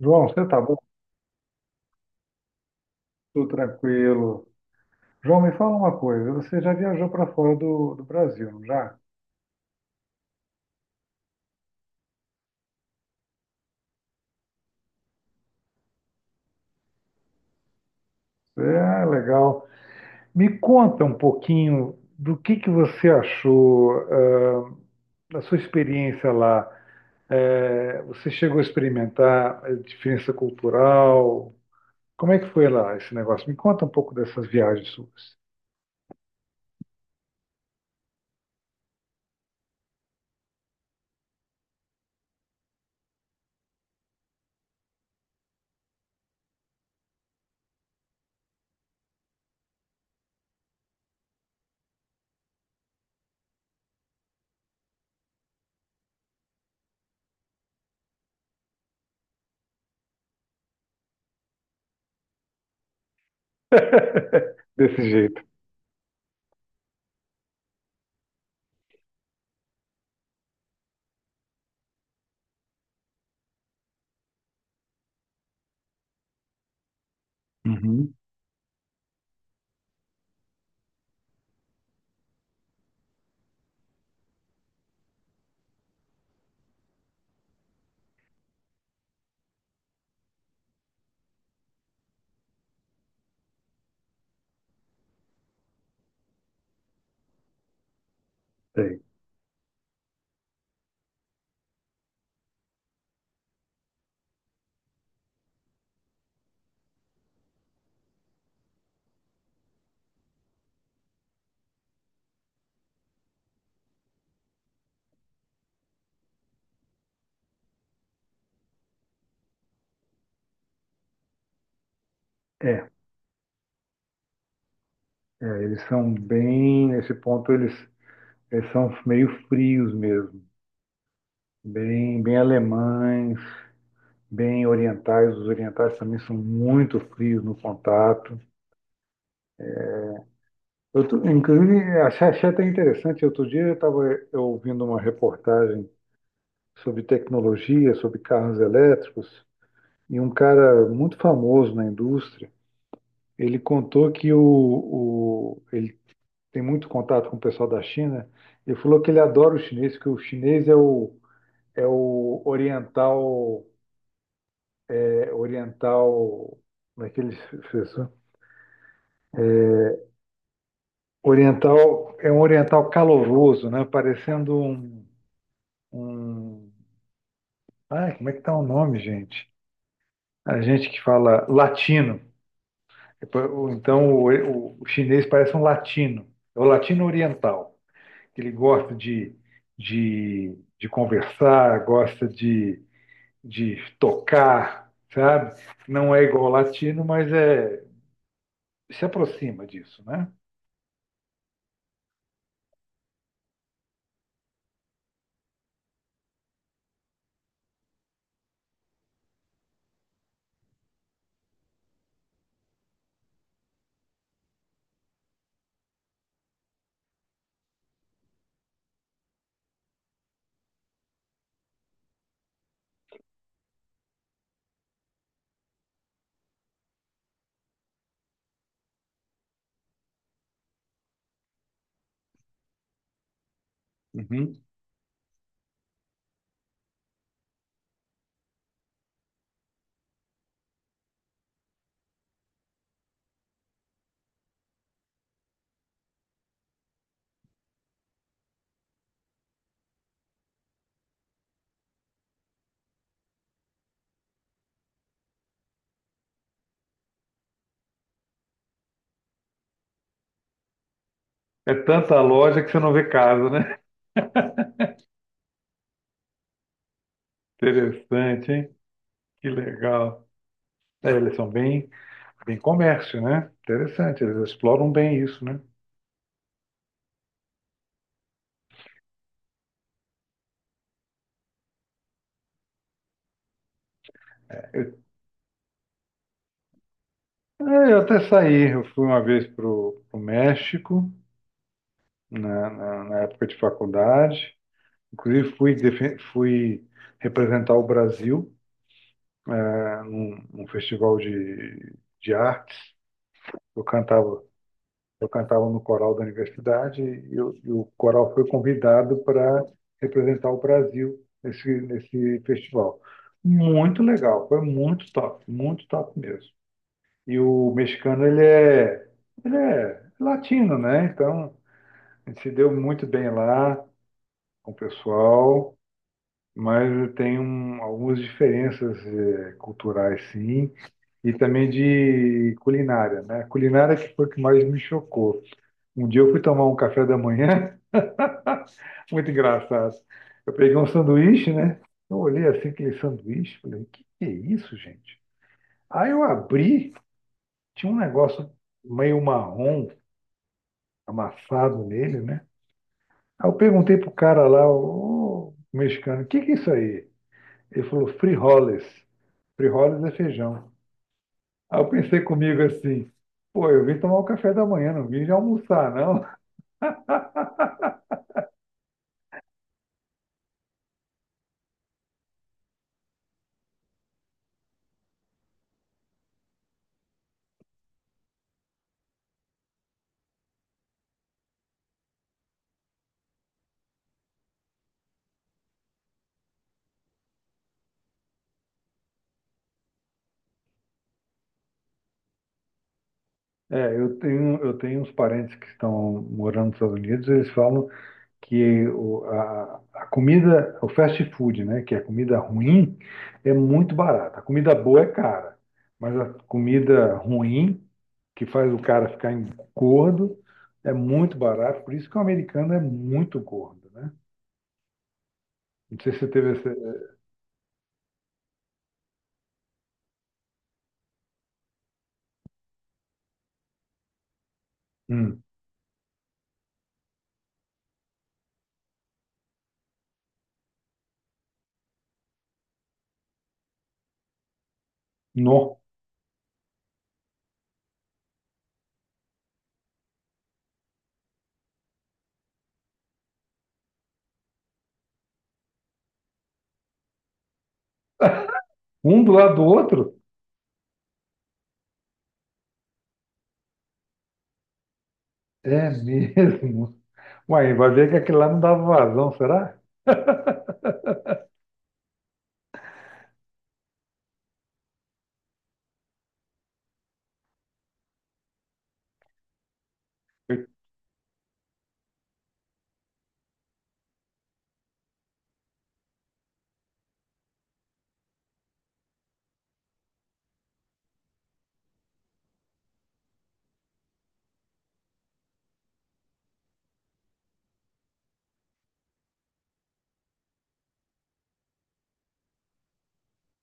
João, você tá bom? Tudo tranquilo. João, me fala uma coisa. Você já viajou para fora do Brasil, não já? É legal. Me conta um pouquinho do que você achou, da sua experiência lá. É, você chegou a experimentar a diferença cultural? Como é que foi lá esse negócio? Me conta um pouco dessas viagens suas. Desse jeito. Uhum, sei. É, eles são bem, nesse ponto, eles. Eles são meio frios mesmo, bem alemães, bem orientais. Os orientais também são muito frios no contato. Inclusive, achei até interessante. Outro dia eu estava ouvindo uma reportagem sobre tecnologia, sobre carros elétricos, e um cara muito famoso na indústria, ele contou que ele tem muito contato com o pessoal da China. Ele falou que ele adora o chinês, que o chinês é o oriental oriental, daquele oriental, é um oriental caloroso, né? Parecendo um... Ai, como é que tá o nome, gente? A gente que fala latino. Então, o chinês parece um latino. É o latino oriental. Ele gosta de conversar, gosta de tocar, sabe? Não é igual ao latino, mas é, se aproxima disso, né? Uhum. É tanta loja que você não vê casa, né? Interessante, hein? Que legal. É, eles são bem, bem comércio, né? Interessante, eles exploram bem isso, né? É, eu até saí, eu fui uma vez para o México, na época de faculdade. Inclusive, fui representar o Brasil, né, num festival de artes. Eu cantava. Eu cantava no coral da universidade, e o coral foi convidado para representar o Brasil nesse festival. Muito legal, foi muito top mesmo. E o mexicano, ele é latino, né? Então, a gente se deu muito bem lá com o pessoal, mas tem algumas diferenças culturais, sim, e também de culinária, né? Culinária que foi o que mais me chocou. Um dia eu fui tomar um café da manhã, muito engraçado. Eu peguei um sanduíche, né? Eu olhei assim aquele sanduíche, falei, o que que é isso, gente? Aí eu abri, tinha um negócio meio marrom amassado nele, né? Aí eu perguntei pro cara lá, o mexicano, o que que é isso aí? Ele falou, frijoles. Frijoles é feijão. Aí eu pensei comigo assim, pô, eu vim tomar o café da manhã, não vim já almoçar, não. É, eu tenho uns parentes que estão morando nos Estados Unidos. Eles falam que a comida, o fast food, né, que é comida ruim, é muito barata. A comida boa é cara, mas a comida ruim, que faz o cara ficar gordo, é muito barato. Por isso que o americano é muito gordo, né? Não sei se você teve essa... Hum, nó. Um do lado do outro? É mesmo. Uai, vai ver que aquele lá não dava vazão, será?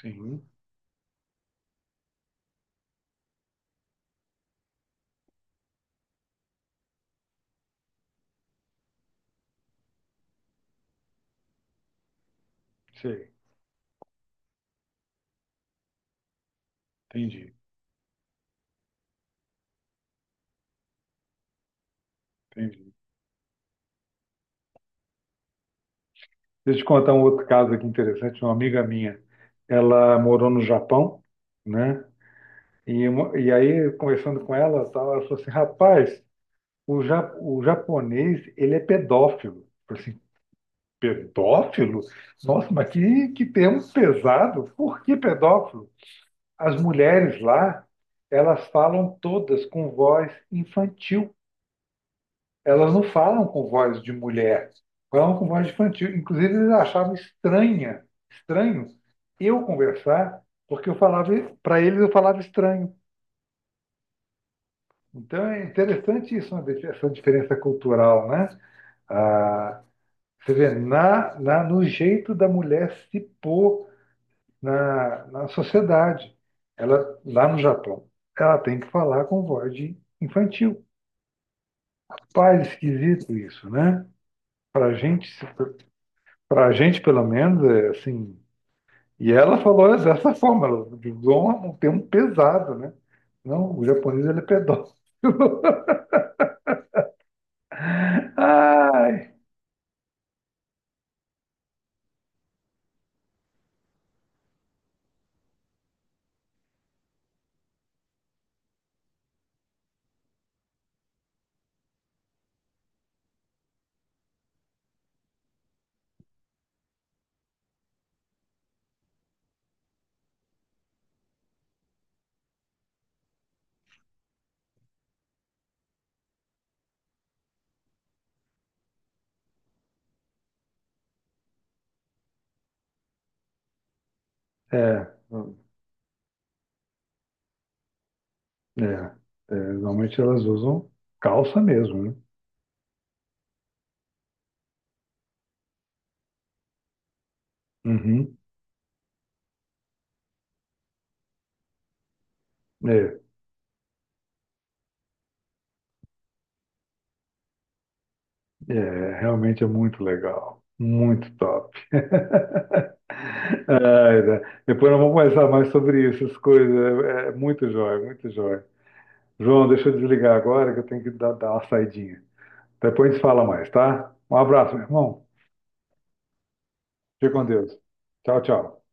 Sim. Sei, entendi, entendi. Deixa eu te contar um outro caso aqui interessante. Uma amiga minha, ela morou no Japão, né? E, e aí, conversando com ela, tal, ela falou assim, rapaz, o japonês, ele é pedófilo. Eu falei assim, pedófilo? Nossa, mas que termo pesado. Por que pedófilo? As mulheres lá, elas falam todas com voz infantil. Elas não falam com voz de mulher, falam com voz infantil. Inclusive, eles achavam estranho eu conversar, porque eu falava, para eles eu falava estranho. Então é interessante isso, essa diferença cultural, né? Ah, você vê, no jeito da mulher se pôr na sociedade. Ela, lá no Japão, ela tem que falar com voz de infantil. Pais esquisito isso, né? Para a gente. Pra gente, pelo menos, é assim. E ela falou dessa forma, ela usou um termo pesado, né? Não, o japonês ele é pedófilo. Ai! É, é, é, normalmente elas usam calça mesmo, né? Uhum. É, é, realmente é muito legal. Muito top. Ai, né? Depois nós vamos conversar mais sobre isso, essas coisas. É, é muito jóia, muito jóia. João, deixa eu desligar agora que eu tenho que dar uma saidinha. Depois a gente fala mais, tá? Um abraço, meu irmão. Fique com Deus. Tchau, tchau.